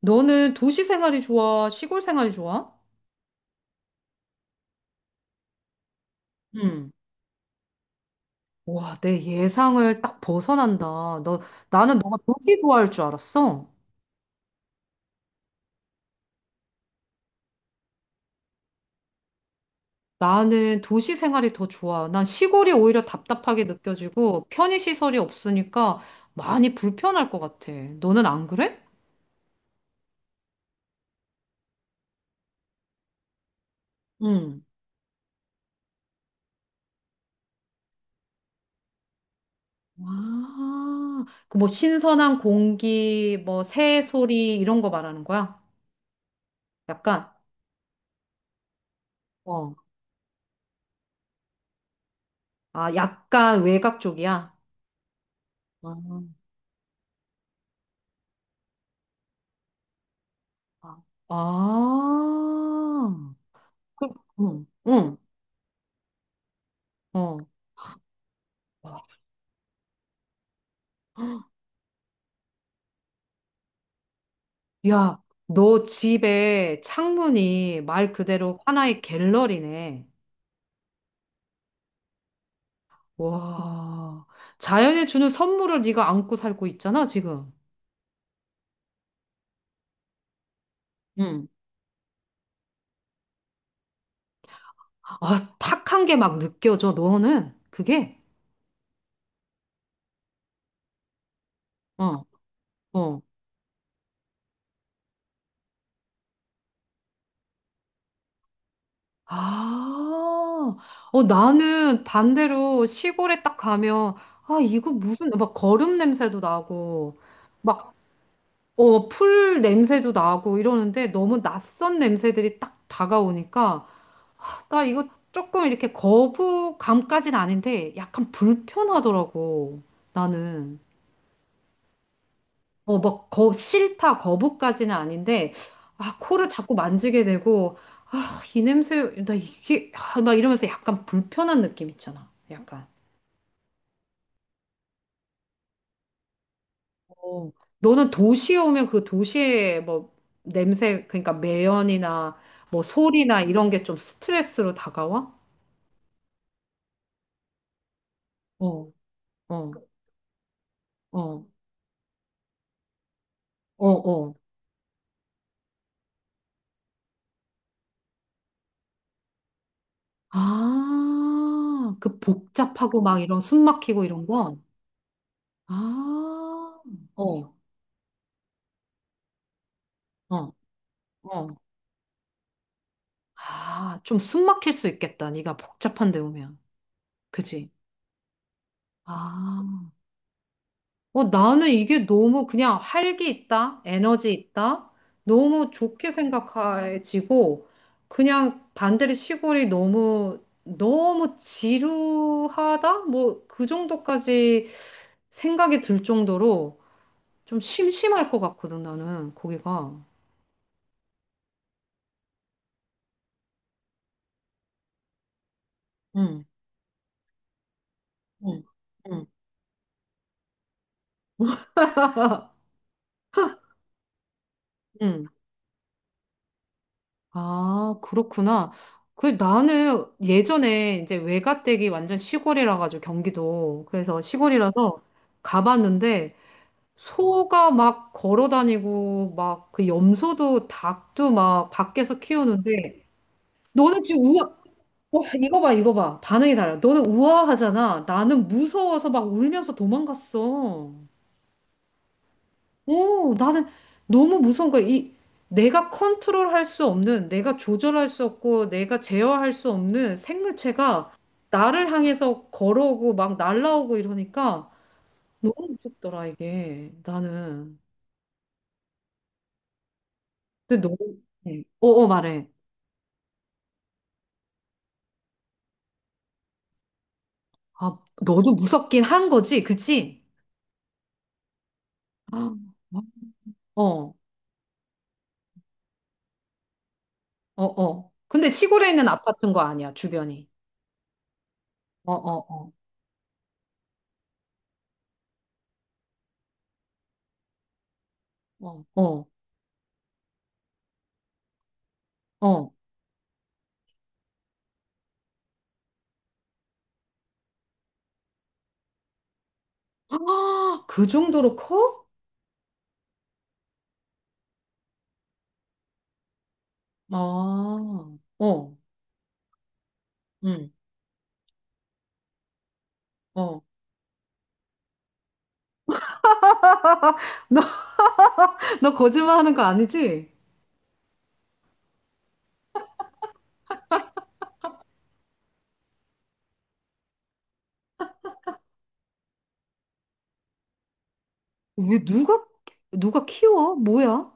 너는 도시 생활이 좋아? 시골 생활이 좋아? 응. 와, 내 예상을 딱 벗어난다. 너, 나는 너가 도시 좋아할 줄 알았어. 나는 도시 생활이 더 좋아. 난 시골이 오히려 답답하게 느껴지고 편의시설이 없으니까 많이 불편할 것 같아. 너는 안 그래? 응. 와, 그 뭐 신선한 공기, 뭐 새 소리 이런 거 말하는 거야? 약간, 어, 아, 약간 외곽 쪽이야. 아. 아, 그- 응, 응, 어. 야, 너 집에 창문이 말 그대로 하나의 갤러리네. 와, 자연이 주는 선물을 네가 안고 살고 있잖아, 지금. 응. 아, 탁한 게 막 느껴져, 너는. 그게? 어, 어. 아, 나는 반대로 시골에 딱 가면, 아, 이거 무슨, 막 거름 냄새도 나고, 막 풀 냄새도 나고 이러는데 너무 낯선 냄새들이 딱 다가오니까 나 이거 조금 이렇게 거부감까진 아닌데 약간 불편하더라고. 나는. 어, 막 거, 싫다, 거부까지는 아닌데 아, 코를 자꾸 만지게 되고 아, 이 냄새, 나 이게 아, 막 이러면서 약간 불편한 느낌 있잖아. 약간. 어, 너는 도시에 오면 그 도시의 뭐 냄새, 그러니까 매연이나 뭐 소리나 이런 게 좀 스트레스로 다가와? 어, 어, 어, 어, 어. 아, 그 복잡하고 막 이런 숨 막히고 이런 거? 아, 어, 어, 어. 아, 좀 숨 막힐 수 있겠다. 네가 복잡한 데 오면. 그지? 아. 나는 이게 너무 그냥 활기 있다, 에너지 있다, 너무 좋게 생각해지고, 그냥 반대로 시골이 너무, 너무 지루하다? 뭐, 그 정도까지 생각이 들 정도로 좀 심심할 것 같거든, 나는, 거기가. 응, 응, 응, 응. 아, 그렇구나. 그 나는 예전에 이제 외가댁이 완전 시골이라 가지고 경기도. 그래서 시골이라서 가봤는데 소가 막 걸어 다니고 막 그 염소도 닭도 막 밖에서 키우는데 너는 지금 우아 와, 이거 봐, 이거 봐. 반응이 달라. 너는 우아하잖아. 나는 무서워서 막 울면서 도망갔어. 오, 나는 너무 무서운 거야. 이 내가 컨트롤할 수 없는, 내가 조절할 수 없고, 내가 제어할 수 없는 생물체가 나를 향해서 걸어오고 막 날라오고 이러니까 너무 무섭더라 이게. 나는. 근데 너, 네. 어, 어 말해. 아, 너도 무섭긴 한 거지, 그치? 아, 어, 어, 어. 근데 시골에 있는 아파트인 거 아니야, 주변이. 어, 어, 어, 어, 어. 어. 아, 그 정도로 커? 아, 어, 응, 어. 너, 너 거짓말하는 거 아니지? 왜 누가? 누가 키워? 뭐야?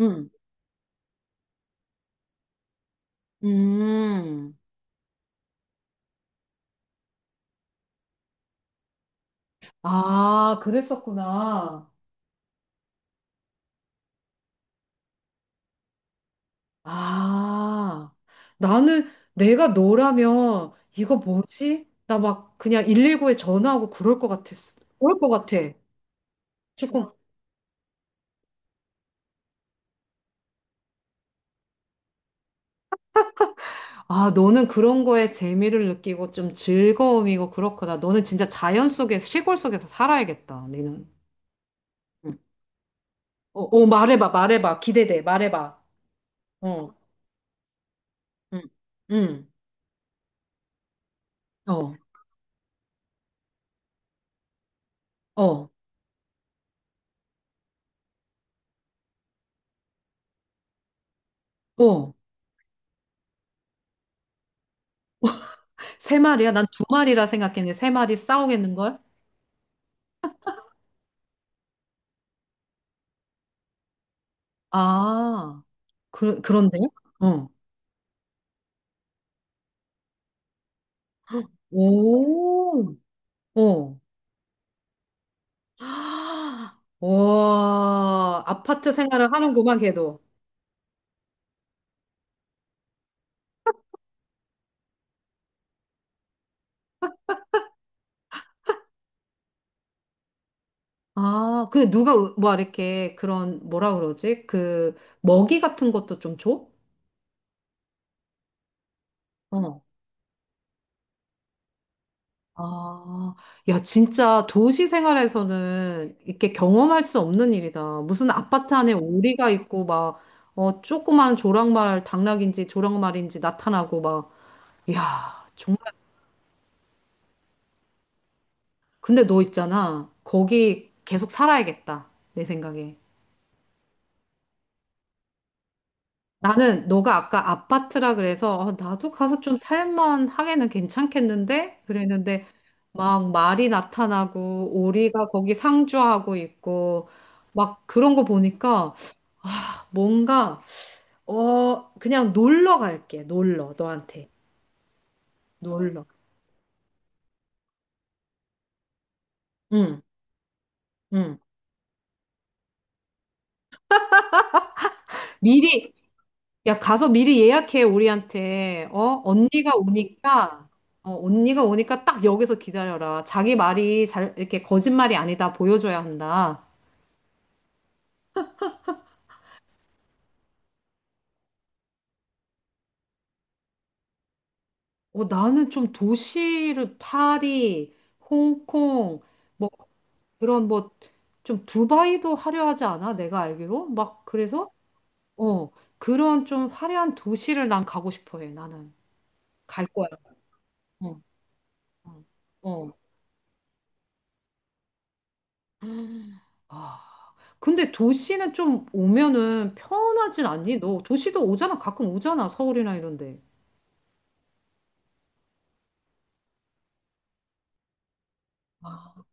응, 음, 아, 그랬었구나. 아, 나는 내가 너라면 이거 뭐지? 나 막 그냥 119에 전화하고 그럴 것 같았어. 그럴 것 같아. 조금. 아, 너는 그런 거에 재미를 느끼고 좀 즐거움이고 그렇구나. 너는 진짜 자연 속에, 시골 속에서 살아야겠다, 너는. 어, 어, 말해봐, 말해봐. 기대돼, 말해봐. 어, 응, 응, 어, 어, 어. 세 마리야? 난 두 마리라 생각했는데 세 마리 싸우겠는걸? 아, 그, 그런데? 어, 오, 어. 아, 와, 아파트 생활을 하는구만, 걔도. 아, 근데 누가, 뭐, 이렇게 그런, 뭐라 그러지? 그, 먹이 같은 것도 좀 줘? 어. 아, 야, 진짜 도시 생활에서는 이렇게 경험할 수 없는 일이다. 무슨 아파트 안에 오리가 있고, 막, 어, 조그만 조랑말, 당락인지 조랑말인지 나타나고, 막, 야, 정말. 근데 너 있잖아. 거기 계속 살아야겠다. 내 생각에. 나는 너가 아까 아파트라 그래서, 어, 나도 가서 좀 살만 하게는 괜찮겠는데? 그랬는데, 막 말이 나타나고, 오리가 거기 상주하고 있고, 막 그런 거 보니까, 뭔가 어 그냥 놀러 갈게. 놀러 너한테. 놀러. 응. 응. 미리 야 가서 미리 예약해 우리한테. 어? 언니가 오니까 어 언니가 오니까 딱 여기서 기다려라. 자기 말이 잘 이렇게 거짓말이 아니다 보여줘야 한다. 어 나는 좀 도시를 파리, 홍콩 뭐 그런 뭐 좀 두바이도 하려 하지 않아? 내가 알기로? 막 그래서 어, 그런 좀 화려한 도시를 난 가고 싶어 해, 나는. 갈 거야. 어, 어. 어. 아, 근데 도시는 좀 오면은 편하진 않니? 너 도시도 오잖아. 가끔 오잖아. 서울이나 이런데. 아,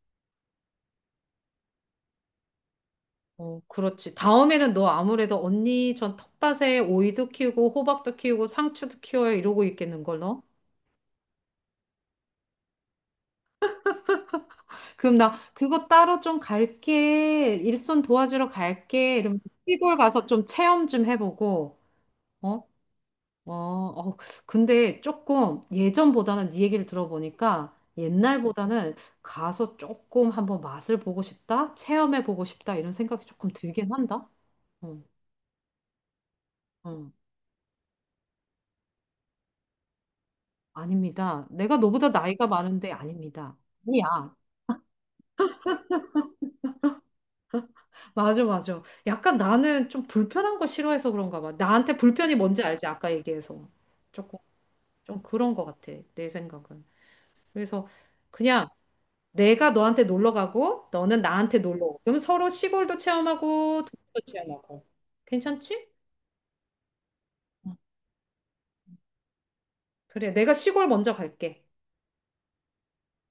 어, 그렇지. 다음에는 너 아무래도 언니 전 텃밭에 오이도 키우고 호박도 키우고 상추도 키워요 이러고 있겠는 걸 너? 그럼 나 그거 따로 좀 갈게. 일손 도와주러 갈게. 이러면 시골 가서 좀 체험 좀 해보고, 어? 어, 어, 근데 조금 예전보다는 네 얘기를 들어보니까 옛날보다는 가서 조금 한번 맛을 보고 싶다, 체험해 보고 싶다 이런 생각이 조금 들긴 한다. 응, 응, 아닙니다. 내가 너보다 나이가 많은데 아닙니다. 아니야. 맞아, 맞아. 약간 나는 좀 불편한 거 싫어해서 그런가 봐. 나한테 불편이 뭔지 알지? 아까 얘기해서. 조금, 좀 그런 것 같아. 내 생각은. 그래서 그냥 내가 너한테 놀러 가고 너는 나한테 놀러 오고 그럼 서로 시골도 체험하고 도시도 체험하고 괜찮지? 응. 그래 내가 시골 먼저 갈게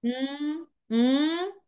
음.